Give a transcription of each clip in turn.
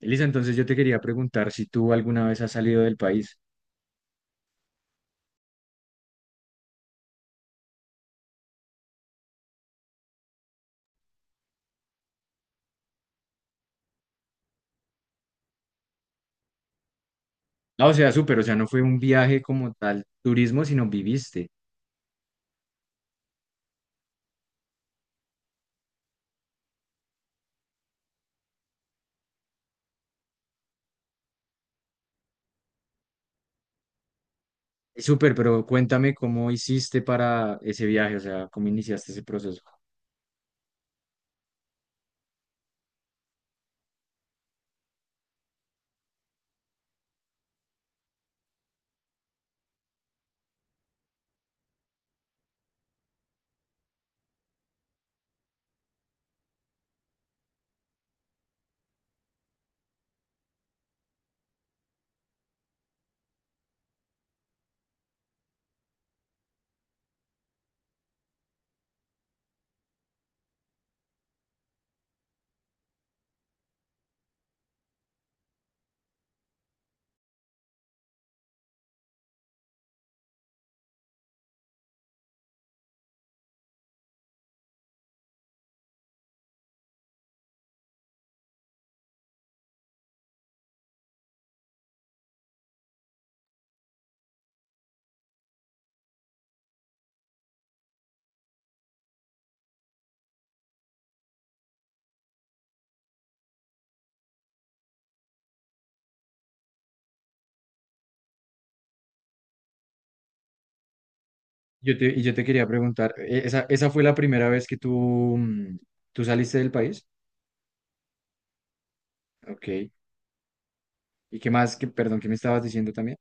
Elisa, entonces yo te quería preguntar si tú alguna vez has salido del país. Ah, o sea, súper, o sea, no fue un viaje como tal, turismo, sino viviste. Y súper, pero cuéntame cómo hiciste para ese viaje, o sea, cómo iniciaste ese proceso. Y yo te quería preguntar, ¿ esa, esa fue la primera vez que tú, tú saliste del país? Ok. ¿Y qué más? Que, perdón, ¿qué me estabas diciendo también?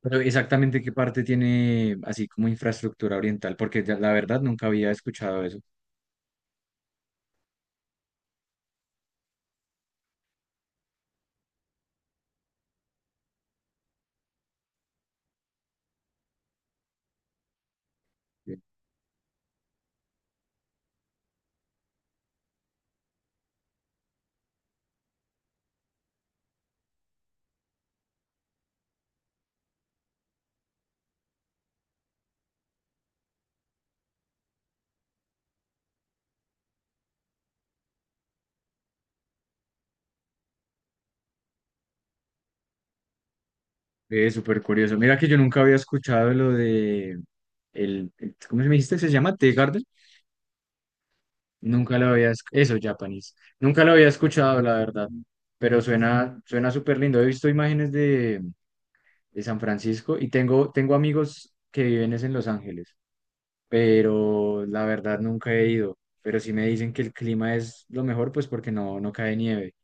Pero exactamente qué parte tiene así como infraestructura oriental, porque la verdad nunca había escuchado eso. Es súper curioso. Mira que yo nunca había escuchado lo de ¿cómo se me dijiste que se llama? Tea Garden. Nunca lo había, eso, japonés. Nunca lo había escuchado, la verdad. Pero suena, suena súper lindo. He visto imágenes de San Francisco y tengo, tengo amigos que viven es en Los Ángeles, pero la verdad nunca he ido. Pero sí me dicen que el clima es lo mejor, pues porque no, no cae nieve.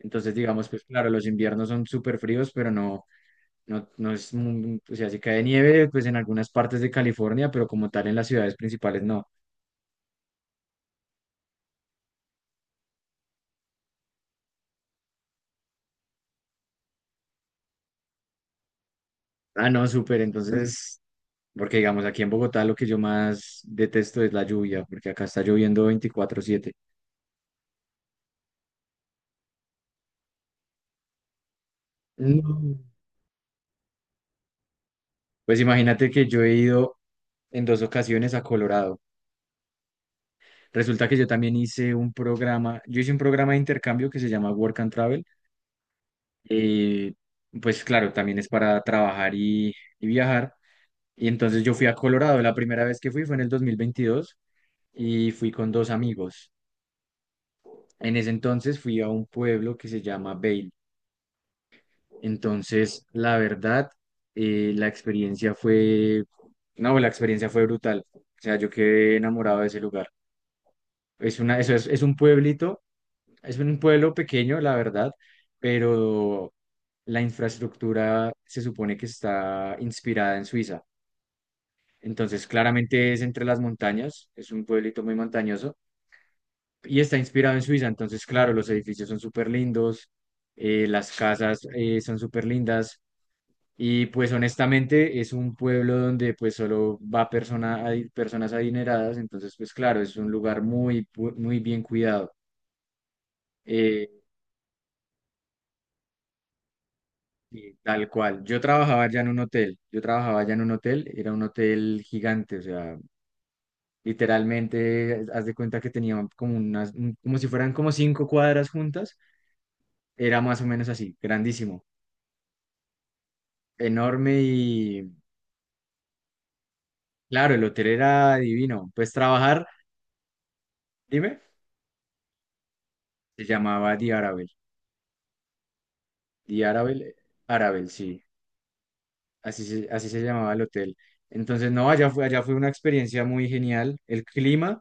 Entonces, digamos, pues claro, los inviernos son súper fríos, pero no. No, no es, o sea, si cae nieve, pues en algunas partes de California, pero como tal en las ciudades principales no. Ah, no, súper, entonces, porque digamos, aquí en Bogotá lo que yo más detesto es la lluvia, porque acá está lloviendo 24/7. No. Pues imagínate que yo he ido en dos ocasiones a Colorado. Resulta que yo también hice un programa, yo hice un programa de intercambio que se llama Work and Travel. eh, pues claro, también es para trabajar y viajar. Y entonces yo fui a Colorado, la primera vez que fui fue en el 2022 y fui con dos amigos. En ese entonces fui a un pueblo que se llama Vail. Entonces, la verdad, la experiencia fue, no, la experiencia fue brutal. O sea, yo quedé enamorado de ese lugar. Es una, eso es un pueblito, es un pueblo pequeño, la verdad, pero la infraestructura se supone que está inspirada en Suiza. Entonces, claramente es entre las montañas, es un pueblito muy montañoso y está inspirado en Suiza, entonces, claro, los edificios son súper lindos, las casas son súper lindas, y pues honestamente es un pueblo donde pues solo va personas adineradas, entonces, pues claro, es un lugar muy, muy bien cuidado, eh, y tal cual. Yo trabajaba ya en un hotel, era un hotel gigante, o sea, literalmente, haz de cuenta que tenía como unas, como si fueran como 5 cuadras juntas, era más o menos así, grandísimo. Enorme y claro, el hotel era divino. Pues trabajar, dime, se llamaba The Arabel. The Arabel, eh, Arabel, sí, así se llamaba el hotel. Entonces, no, allá fue una experiencia muy genial. El clima,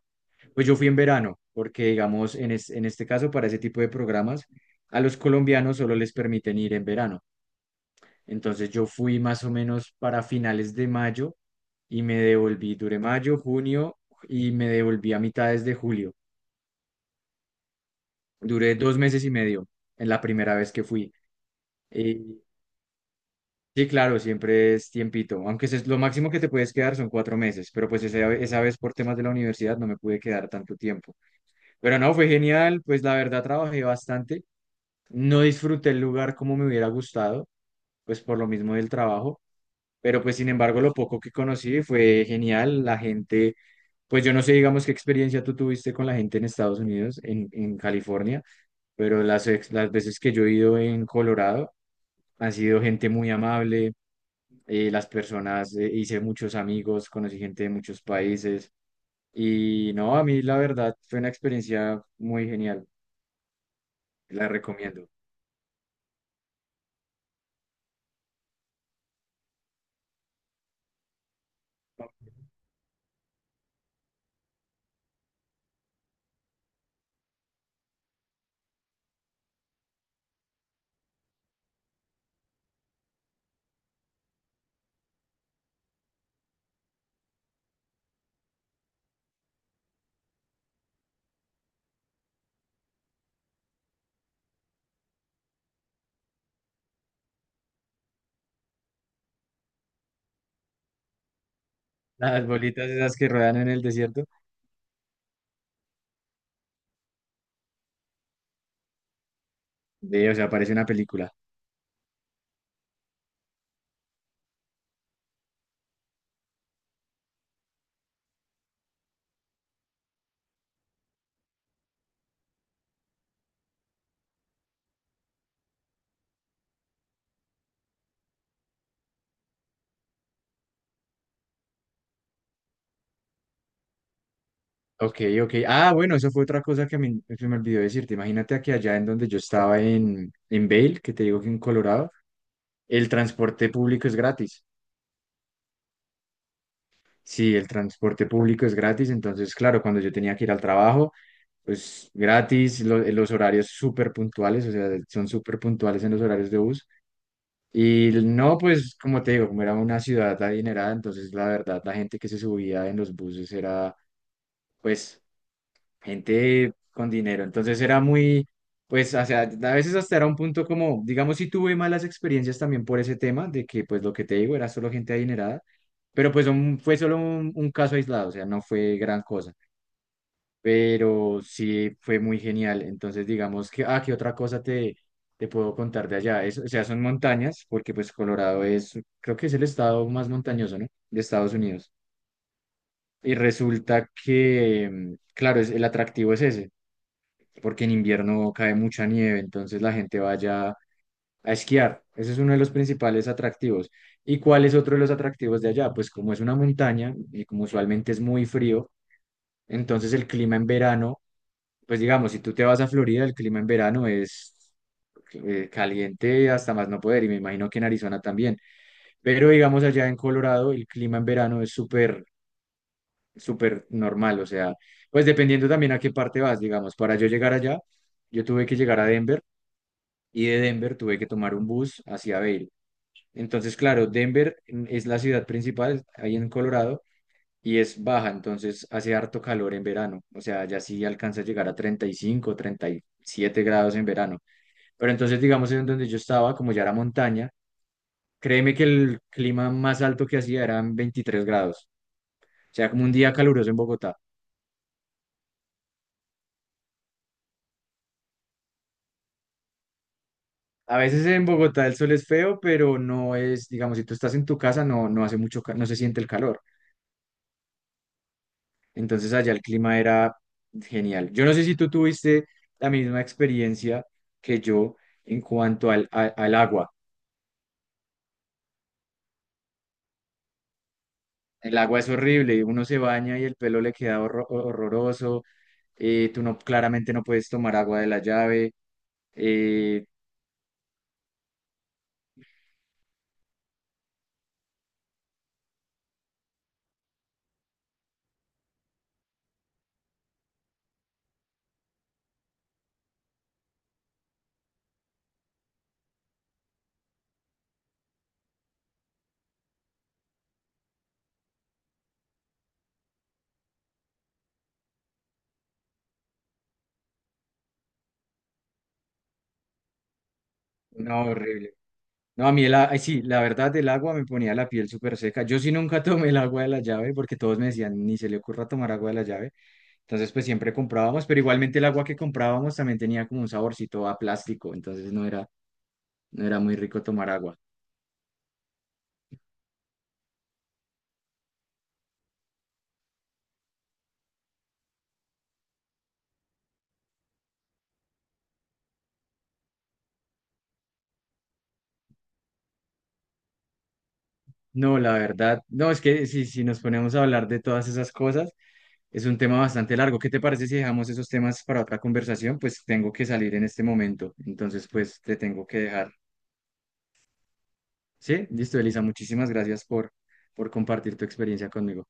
pues yo fui en verano, porque digamos, en este caso, para ese tipo de programas, a los colombianos solo les permiten ir en verano. Entonces yo fui más o menos para finales de mayo y me devolví, duré mayo, junio y me devolví a mitades de julio. Duré 2 meses y medio en la primera vez que fui. Eh, sí, claro, siempre es tiempito, aunque es lo máximo que te puedes quedar son 4 meses, pero pues esa vez por temas de la universidad no me pude quedar tanto tiempo. Pero no, fue genial, pues la verdad trabajé bastante, no disfruté el lugar como me hubiera gustado, pues por lo mismo del trabajo, pero pues sin embargo lo poco que conocí fue genial, la gente, pues yo no sé, digamos, qué experiencia tú tuviste con la gente en Estados Unidos, en California, pero las veces que yo he ido en Colorado, han sido gente muy amable, las personas, hice muchos amigos, conocí gente de muchos países y no, a mí la verdad fue una experiencia muy genial, la recomiendo. Las bolitas esas que rodan en el desierto, de, o sea, parece una película. Ok, ok. Ah, bueno, eso fue otra cosa que me, se me olvidó decirte. Imagínate que allá en donde yo estaba en Vail, que te digo que en Colorado, el transporte público es gratis. Sí, el transporte público es gratis, entonces, claro, cuando yo tenía que ir al trabajo, pues gratis, los horarios súper puntuales, o sea, son súper puntuales en los horarios de bus. Y no, pues como te digo, como era una ciudad adinerada, entonces la verdad la gente que se subía en los buses era pues gente con dinero, entonces era muy, pues, o sea, a veces hasta era un punto como, digamos, si tuve malas experiencias también por ese tema, de que pues lo que te digo era solo gente adinerada, pero pues fue solo un caso aislado, o sea, no fue gran cosa pero sí fue muy genial. Entonces, digamos que, ah, ¿qué otra cosa te, te puedo contar de allá? Es, o sea, son montañas, porque pues Colorado es, creo que es el estado más montañoso, ¿no? De Estados Unidos. Y resulta que, claro, es, el atractivo es ese, porque en invierno cae mucha nieve, entonces la gente vaya a esquiar. Ese es uno de los principales atractivos. ¿Y cuál es otro de los atractivos de allá? Pues como es una montaña y como usualmente es muy frío, entonces el clima en verano... Pues digamos, si tú te vas a Florida, el clima en verano es caliente hasta más no poder y me imagino que en Arizona también. Pero digamos allá en Colorado, el clima en verano es súper, súper normal. O sea, pues dependiendo también a qué parte vas, digamos. Para yo llegar allá, yo tuve que llegar a Denver y de Denver tuve que tomar un bus hacia Vail. Entonces, claro, Denver es la ciudad principal ahí en Colorado y es baja, entonces hace harto calor en verano. O sea, ya sí alcanza a llegar a 35, 37 grados en verano. Pero entonces, digamos, en donde yo estaba, como ya era montaña, créeme que el clima más alto que hacía eran 23 grados. O sea, como un día caluroso en Bogotá. A veces en Bogotá el sol es feo, pero no es, digamos, si tú estás en tu casa, no, no hace mucho, no se siente el calor. Entonces allá el clima era genial. Yo no sé si tú tuviste la misma experiencia que yo en cuanto al agua. El agua es horrible, uno se baña y el pelo le queda horroroso, tú no, claramente no puedes tomar agua de la llave. Eh, No, horrible. No, a mí ay, sí, la verdad, el agua me ponía la piel súper seca. Yo sí nunca tomé el agua de la llave porque todos me decían, ni se le ocurra tomar agua de la llave. Entonces, pues siempre comprábamos, pero igualmente el agua que comprábamos también tenía como un saborcito a plástico, entonces no era, no era muy rico tomar agua. No, la verdad, no, es que si nos ponemos a hablar de todas esas cosas, es un tema bastante largo. ¿Qué te parece si dejamos esos temas para otra conversación? Pues tengo que salir en este momento, entonces pues te tengo que dejar. Sí, listo, Elisa, muchísimas gracias por compartir tu experiencia conmigo.